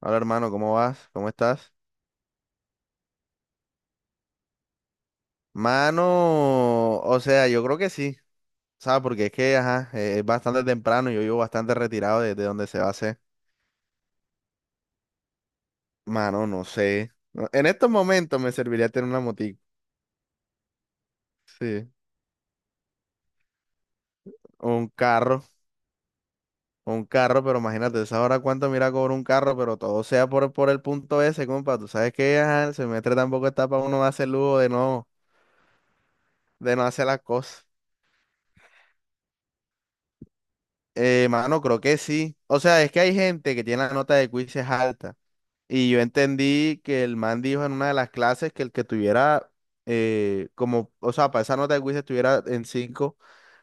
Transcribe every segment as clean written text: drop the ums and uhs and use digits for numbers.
Hola hermano, ¿cómo vas? ¿Cómo estás? Mano, o sea, yo creo que sí, ¿sabes? Porque es que, ajá, es bastante temprano y yo vivo bastante retirado de donde se va a hacer. Mano, no sé. No, en estos momentos me serviría tener una motico, sí, o un carro, o un carro, pero imagínate, ¿sabes ahora cuánto mira cobra un carro? Pero todo sea por el punto ese, compa. Tú sabes que, ajá, el semestre tampoco está para uno darse el lujo de no hacer las cosas. Mano, creo que sí. O sea, es que hay gente que tiene la nota de quizzes alta. Y yo entendí que el man dijo en una de las clases que el que tuviera, como, o sea, para esa nota de quiz estuviera en 5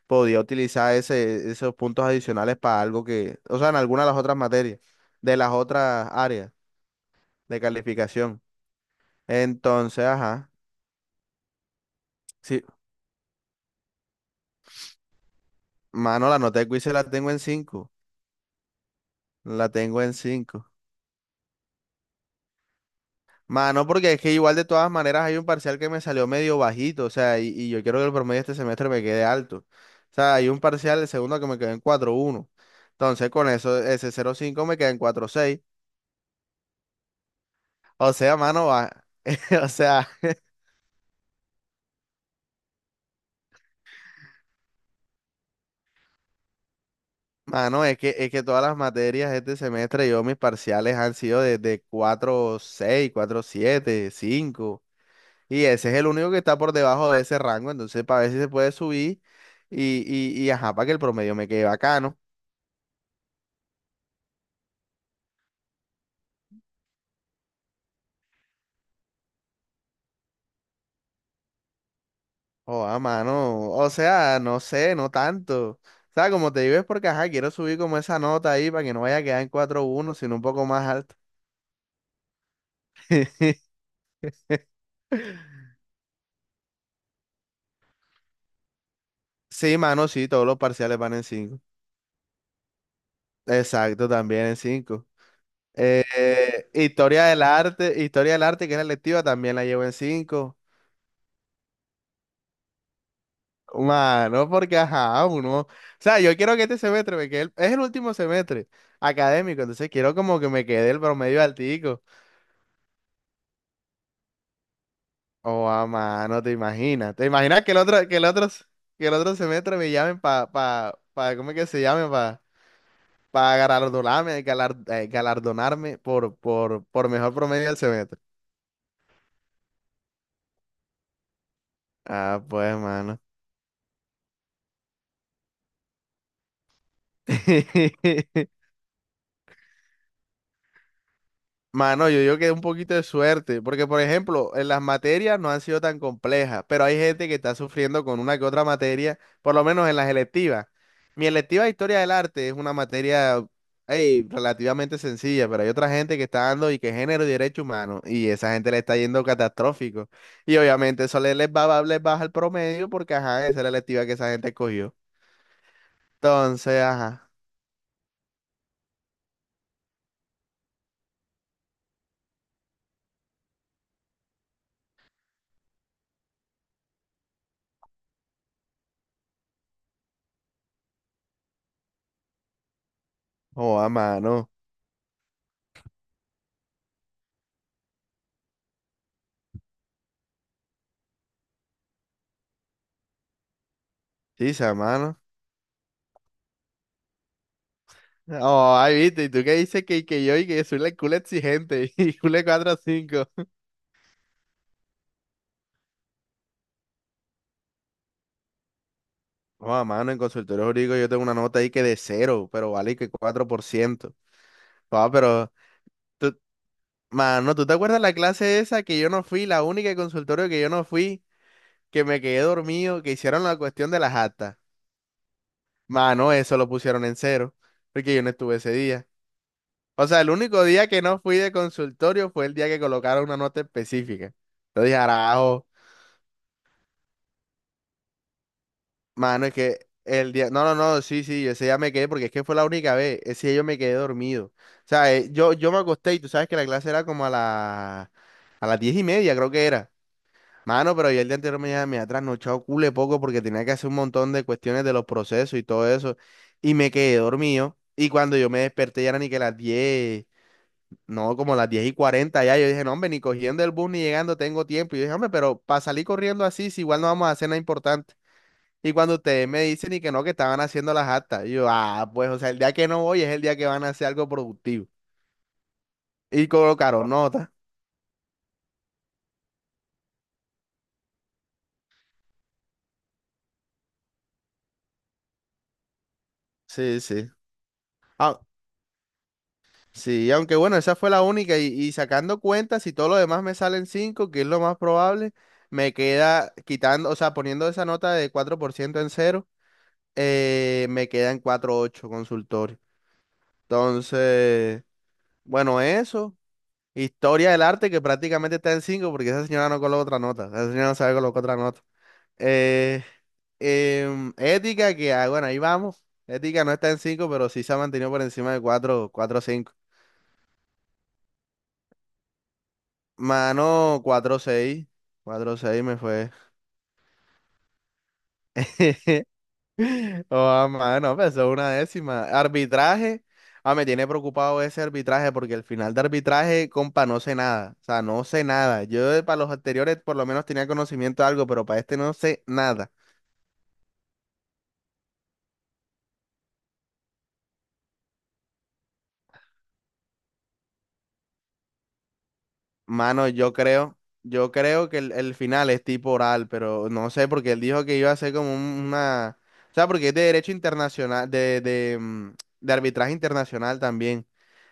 podía utilizar esos puntos adicionales para algo que, o sea, en alguna de las otras materias, de las otras áreas de calificación. Entonces, ajá, sí, mano, la nota de quiz se la tengo en cinco. Mano, porque es que igual de todas maneras hay un parcial que me salió medio bajito, o sea, y yo quiero que el promedio este semestre me quede alto. O sea, hay un parcial, el segundo que me quedó en 4,1. Entonces, con eso, ese 0,5 me queda en 4,6. O sea, mano, o sea, mano, es que todas las materias este semestre, yo mis parciales han sido de 4,6, siete cinco. Y ese es el único que está por debajo de ese rango, entonces, para ver si se puede subir y, y ajá, para que el promedio me quede bacano. Oh, a mano. O sea, no sé, no tanto. O sea, como te digo es porque, ajá, quiero subir como esa nota ahí para que no vaya a quedar en 4,1 sino un poco más alto. Sí, mano, sí, todos los parciales van en cinco. Exacto, también en 5. Historia del arte, que es la electiva, también la llevo en cinco. Mano, porque ajá, uno. O sea, yo quiero que este semestre me quede, es el último semestre académico, entonces quiero como que me quede el promedio altico. Oh, a mano, te imaginas. ¿Te imaginas que el otro que el otro semestre me llamen para, pa, pa, pa- ¿cómo es que se llame? Para pa pa galardonarme por mejor promedio del semestre? Ah, pues, mano. Mano, yo digo que un poquito de suerte, porque por ejemplo, en las materias no han sido tan complejas, pero hay gente que está sufriendo con una que otra materia, por lo menos en las electivas. Mi electiva de Historia del Arte es una materia ey, relativamente sencilla, pero hay otra gente que está dando y que género y derecho humano, y esa gente le está yendo catastrófico. Y obviamente eso les va, les baja el promedio porque, ajá, esa es la electiva que esa gente escogió. Entonces, ajá, joda, mano, sí, sea, mano. Oh, ahí viste, y tú qué dices que yo y que soy la culo exigente, y culo 4 a cinco. No, mano, en consultorio jurídico yo tengo una nota ahí que de cero, pero vale que 4%. Ah, pero, tú, mano, ¿tú te acuerdas la clase esa que yo no fui, la única de consultorio que yo no fui, que me quedé dormido, que hicieron la cuestión de las actas? Mano, eso lo pusieron en cero, porque yo no estuve ese día. O sea, el único día que no fui de consultorio fue el día que colocaron una nota específica. Entonces dije, mano, es que el día. No, no, no, sí, sí, ese día me quedé porque es que fue la única vez. Ese día yo me quedé dormido. O sea, yo me acosté y tú sabes que la clase era como a las diez y media, creo que era. Mano, pero yo el día anterior me había trasnochado cule poco porque tenía que hacer un montón de cuestiones de los procesos y todo eso. Y me quedé dormido. Y cuando yo me desperté ya era ni que las diez, no, como las 10 y 40 ya. Yo dije, no, hombre, ni cogiendo el bus ni llegando tengo tiempo. Y yo dije, hombre, pero para salir corriendo así, si igual no vamos a hacer nada importante. Y cuando ustedes me dicen y que no, que estaban haciendo las actas, y yo, ah, pues, o sea, el día que no voy es el día que van a hacer algo productivo. Y colocaron nota. Sí, sí. Ah, sí, aunque bueno, esa fue la única. Y sacando cuentas, si todo lo demás me salen cinco, que es lo más probable, me queda quitando, o sea, poniendo esa nota de 4% en cero, me queda en 4,8 consultorio. Entonces, bueno, eso. Historia del arte que prácticamente está en 5 porque esa señora no coloca otra nota. Esa señora no sabe colocar otra nota. Eh, Ética, que ah, bueno, ahí vamos. Ética no está en 5 pero sí se ha mantenido por encima de 4 4 cinco. Mano, 4,6, 4,6 me fue. Oh, mano, pesó una décima. Arbitraje. Ah, me tiene preocupado ese arbitraje porque el final de arbitraje, compa, no sé nada. O sea, no sé nada. Yo, para los anteriores por lo menos tenía conocimiento de algo, pero para este no sé nada. Mano, yo creo que el final es tipo oral, pero no sé, porque él dijo que iba a ser como una, o sea, porque es de derecho internacional, de arbitraje internacional también.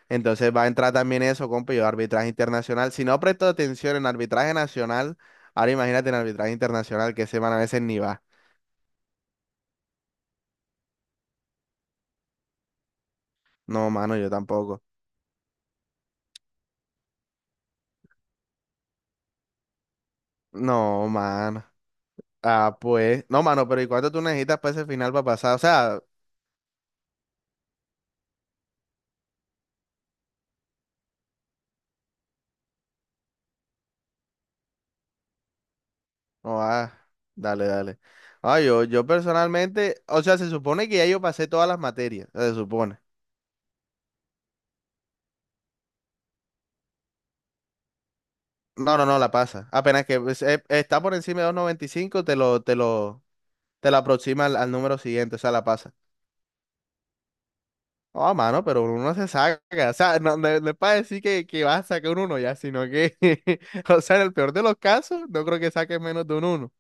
Entonces va a entrar también eso, compa, yo arbitraje internacional. Si no presto atención en arbitraje nacional, ahora imagínate en arbitraje internacional, que semana a veces ni va. No, mano, yo tampoco. No, mano. Ah, pues. No, mano, pero ¿y cuánto tú necesitas para ese final para pasar? O sea, no, ah, dale, dale. Ah, yo personalmente, o sea, se supone que ya yo pasé todas las materias, se supone. No, no, no, la pasa. Apenas que pues, está por encima de 2,95, te lo aproxima al número siguiente, o sea, la pasa. Ah, mano, pero uno no se saca. O sea, no es para decir que vas a sacar un uno ya, sino que, o sea, en el peor de los casos, no creo que saques menos de un uno.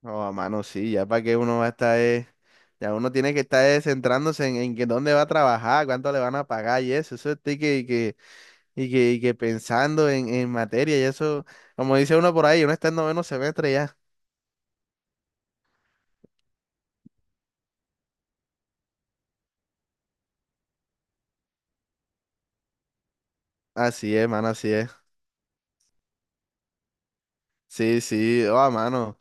No, a mano, sí, ya para qué uno va a estar, ya uno tiene que estar centrándose en que dónde va a trabajar, cuánto le van a pagar y eso estoy que, y que, y que pensando en materia y eso, como dice uno por ahí, uno está en noveno semestre ya. Así es, mano, así es. Sí, sí, oh, a mano.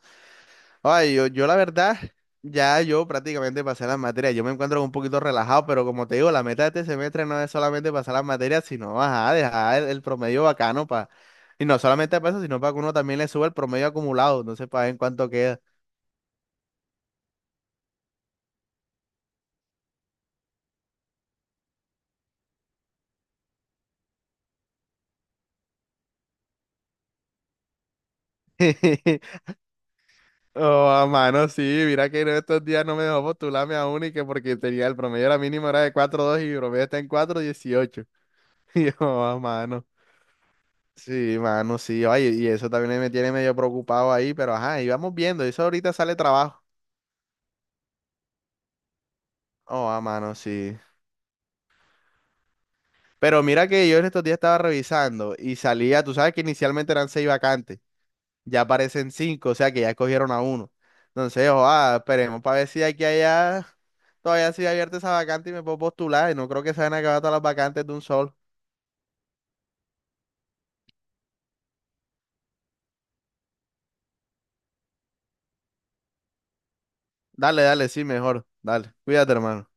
Ay, yo la verdad, ya yo prácticamente pasé las materias, yo me encuentro un poquito relajado, pero como te digo, la meta de este semestre no es solamente pasar las materias, sino, ajá, dejar el promedio bacano. Y no solamente para eso, sino para que uno también le suba el promedio acumulado. No sé, para ver en cuánto queda. Oh, a mano, sí. Mira que en estos días no me dejó postularme a única porque tenía el promedio, era mínimo, era de 4,2 y mi promedio está en 4,18. Y yo, oh, mano. Sí, mano, sí. Oye, y eso también me tiene medio preocupado ahí, pero ajá, y vamos viendo. Eso ahorita sale trabajo. Oh, a mano, sí. Pero mira que yo en estos días estaba revisando y salía. Tú sabes que inicialmente eran seis vacantes. Ya aparecen cinco, o sea que ya cogieron a uno. Entonces, ojalá, esperemos para ver si de aquí a allá todavía sigue abierta esa vacante y me puedo postular. Y no creo que se van a acabar todas las vacantes de un sol. Dale, dale, sí, mejor. Dale, cuídate, hermano.